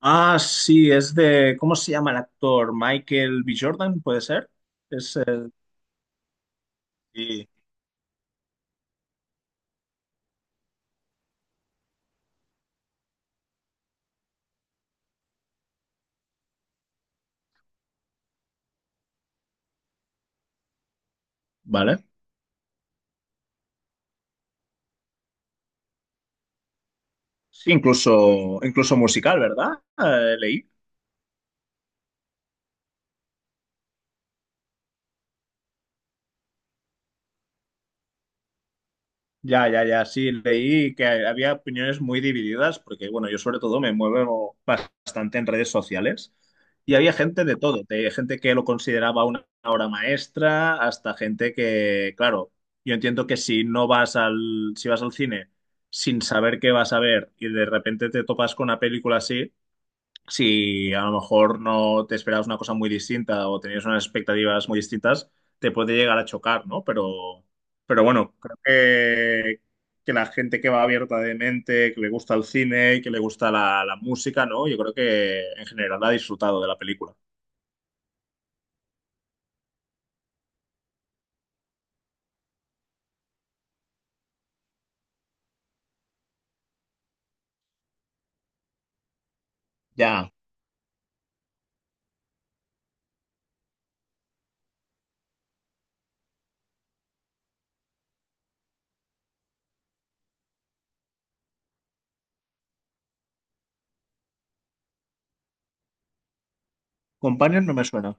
Ah, sí, es de, ¿cómo se llama el actor? Michael B. Jordan, ¿puede ser? Es, sí, vale. Sí, incluso musical, ¿verdad? Leí. Ya, ya, ya, sí, leí que había opiniones muy divididas, porque bueno, yo sobre todo me muevo bastante en redes sociales y había gente de todo, de gente que lo consideraba una obra maestra, hasta gente que, claro, yo entiendo que si vas al cine sin saber qué vas a ver y de repente te topas con una película así, si a lo mejor no te esperabas una cosa muy distinta o tenías unas expectativas muy distintas, te puede llegar a chocar, ¿no? Pero bueno, que la gente que va abierta de mente, que le gusta el cine, que le gusta la música, ¿no? Yo creo que en general ha disfrutado de la película. Ya, Companion no me suena.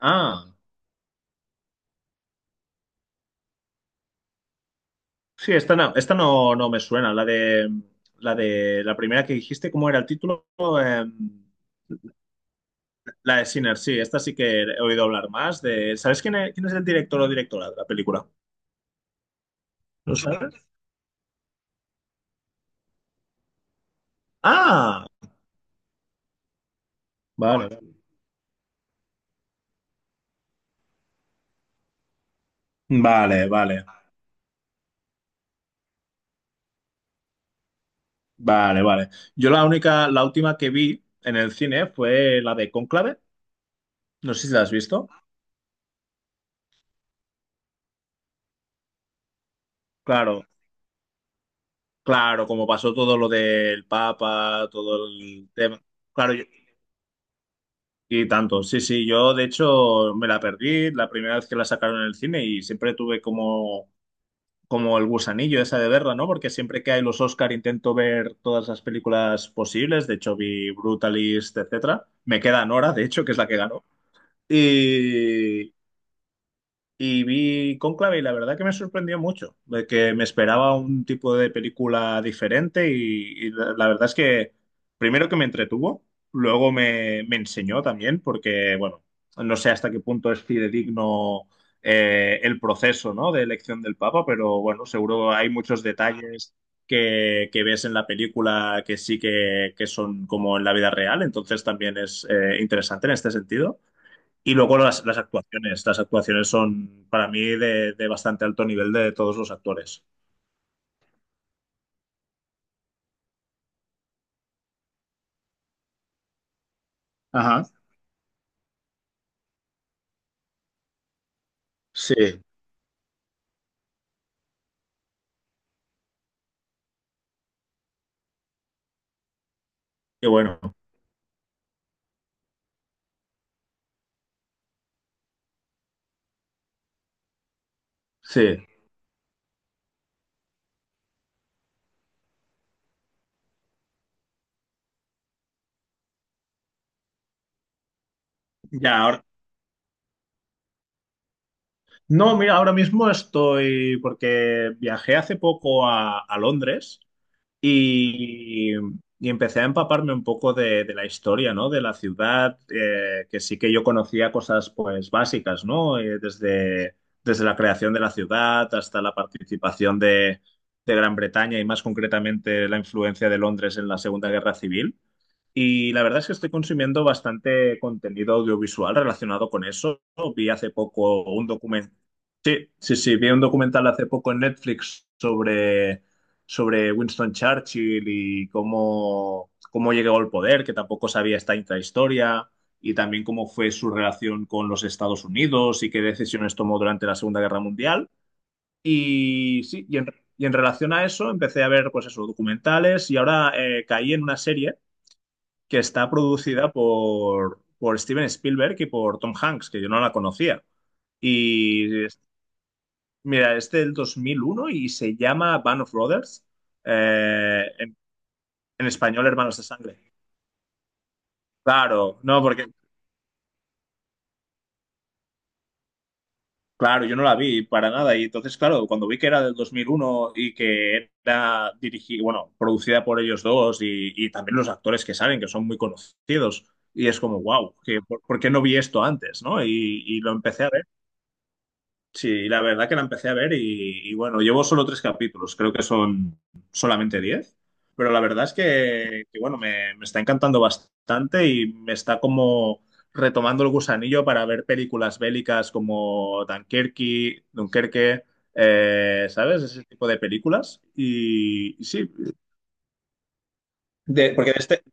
Ah, sí, esta no, no me suena, la de la primera que dijiste, ¿cómo era el título? La de Sinner, sí, esta sí que he oído hablar más de... ¿Sabes quién es el director o directora de la película? ¿No sabes? Ah, vale. Vale, vale, vale, vale. Yo la única, la última que vi en el cine fue la de Cónclave. No sé si la has visto. Claro, claro, como pasó todo lo del Papa, todo el tema. Claro, yo- y tanto. Sí, sí, yo de hecho me la perdí la primera vez que la sacaron en el cine y siempre tuve como como el gusanillo esa de verla, ¿no? Porque siempre que hay los Oscar intento ver todas las películas posibles. De hecho, vi Brutalist, etcétera. Me queda Nora, de hecho, que es la que ganó. Y, y vi Cónclave y la verdad que me sorprendió mucho, de que me esperaba un tipo de película diferente y, la verdad es que primero que me entretuvo, luego me enseñó también, porque bueno, no sé hasta qué punto es fidedigno el proceso, ¿no? De elección del Papa, pero bueno, seguro hay muchos detalles que ves en la película que sí que son como en la vida real, entonces también es interesante en este sentido. Y luego las actuaciones. Las actuaciones son para mí de bastante alto nivel de todos los actores. Ajá, sí, qué bueno, sí. Ya, ahora. No, mira, ahora mismo estoy. Porque viajé hace poco a Londres. Y, y empecé a empaparme un poco de la historia, ¿no? De la ciudad, que sí que yo conocía cosas, pues, básicas, ¿no? Desde la creación de la ciudad hasta la participación de Gran Bretaña y más concretamente la influencia de Londres en la Segunda Guerra Civil. Y la verdad es que estoy consumiendo bastante contenido audiovisual relacionado con eso. Vi hace poco un documental. Sí, sí, sí, vi un documental hace poco en Netflix sobre, sobre Winston Churchill y cómo, cómo llegó al poder, que tampoco sabía esta intrahistoria, y también cómo fue su relación con los Estados Unidos y qué decisiones tomó durante la Segunda Guerra Mundial. Y sí, y en, y en relación a eso empecé a ver, pues eso, documentales y ahora caí en una serie que está producida por Steven Spielberg y por Tom Hanks, que yo no la conocía. Y es- Mira, es del 2001 y se llama Band of Brothers, eh, en, en español Hermanos de Sangre. Claro, no, porque, claro, yo no la vi para nada. Y entonces, claro, cuando vi que era del 2001 y que era dirigida, bueno, producida por ellos dos y también los actores que salen, que son muy conocidos, y es como, wow, por qué no vi esto antes? ¿No? Y lo empecé a ver. Sí, la verdad que la empecé a ver y bueno, llevo solo tres capítulos, creo que son solamente diez, pero la verdad es que, bueno, me está encantando bastante y me está como retomando el gusanillo para ver películas bélicas como Dunkerque, ¿sabes? Ese tipo de películas. Y sí, de- porque de este...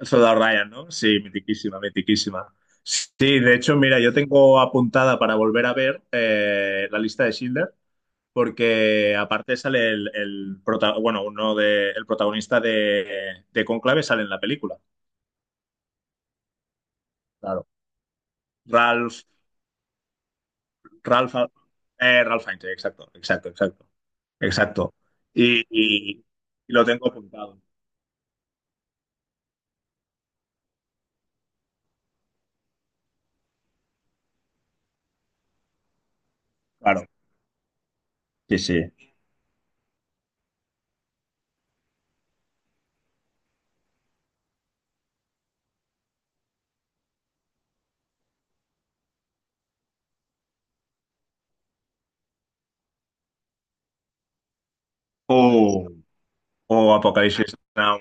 Soldado Ryan, ¿no? Sí, mitiquísima, mitiquísima. Sí, de hecho, mira, yo tengo apuntada para volver a ver la lista de Schindler porque aparte sale el bueno, uno de, el protagonista de Cónclave sale en la película. Claro. Ralph, Ralph, Ralph Fiennes, exacto, exacto. Y, y- y lo tengo apuntado. Claro. Sí, sí. O, o Apocalipsis Now.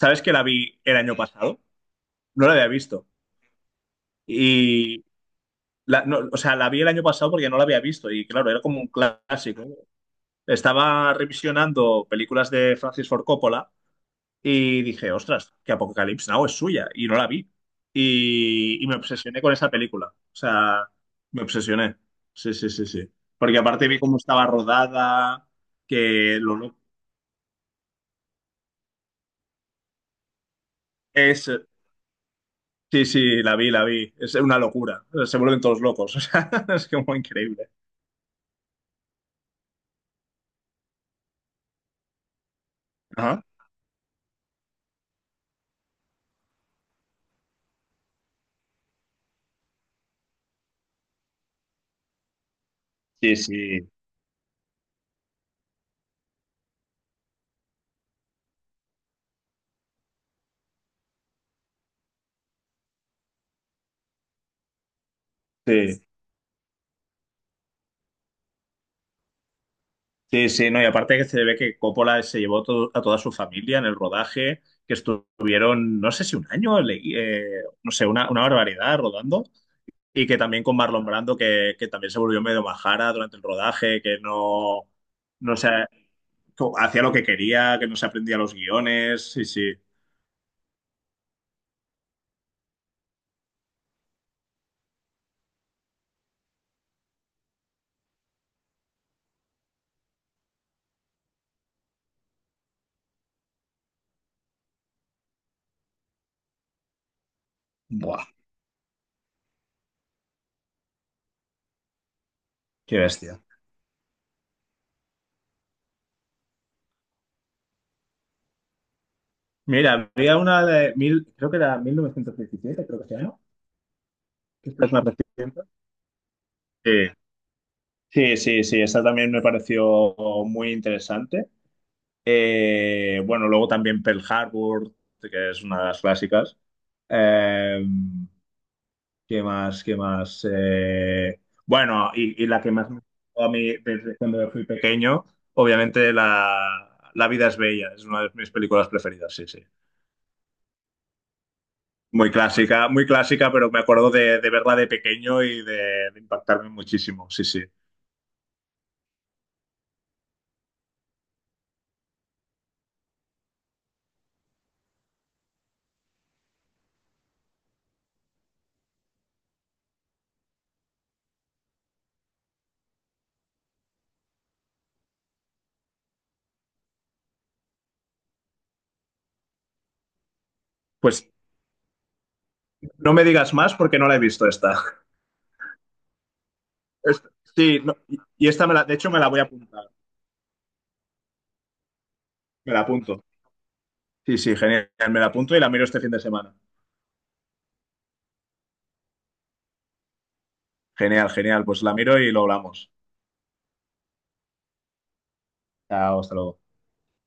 ¿Sabes que la vi el año pasado? No la había visto. Y, no, o sea, la vi el año pasado porque no la había visto. Y claro, era como un clásico. Estaba revisionando películas de Francis Ford Coppola y dije, ostras, que Apocalypse Now es suya y no la vi. Y me obsesioné con esa película. O sea, me obsesioné. Sí, sí, sí, sí. Porque aparte vi cómo estaba rodada, que lo- es... Sí, sí, la vi, la vi. Es una locura. Se vuelven todos locos. O sea, es como increíble. Ajá. Sí, sí. Sí. Sí, sí, no, y aparte que se ve que Coppola se llevó a toda su familia en el rodaje, que estuvieron, no sé si un año, leí, no sé, una barbaridad rodando, y que también con Marlon Brando, que también se volvió medio majara durante el rodaje, que no, no sé, hacía lo que quería, que no se aprendía los guiones, sí, sí. Buah, qué bestia. Mira, había una de mil, creo que era 1917, creo que se llama, que esta es más reciente. Sí, sí, sí, sí, esa también me pareció muy interesante. Bueno, luego también Pearl Harbor, que es una de las clásicas. Eh, ¿Qué más? ¿Qué más? Bueno, y la que más me gustó a mí desde cuando fui pequeño, obviamente La vida es bella, es una de mis películas preferidas, sí, sí. Muy clásica, pero me acuerdo de verla de pequeño y de impactarme muchísimo, sí, sí. Pues no me digas más porque no la he visto esta. Es- sí, no, y de hecho me la voy a apuntar, me la apunto. Sí, sí, genial. Me la apunto y la miro este fin de semana. Genial, genial. Pues la miro y lo hablamos. Chao, hasta luego.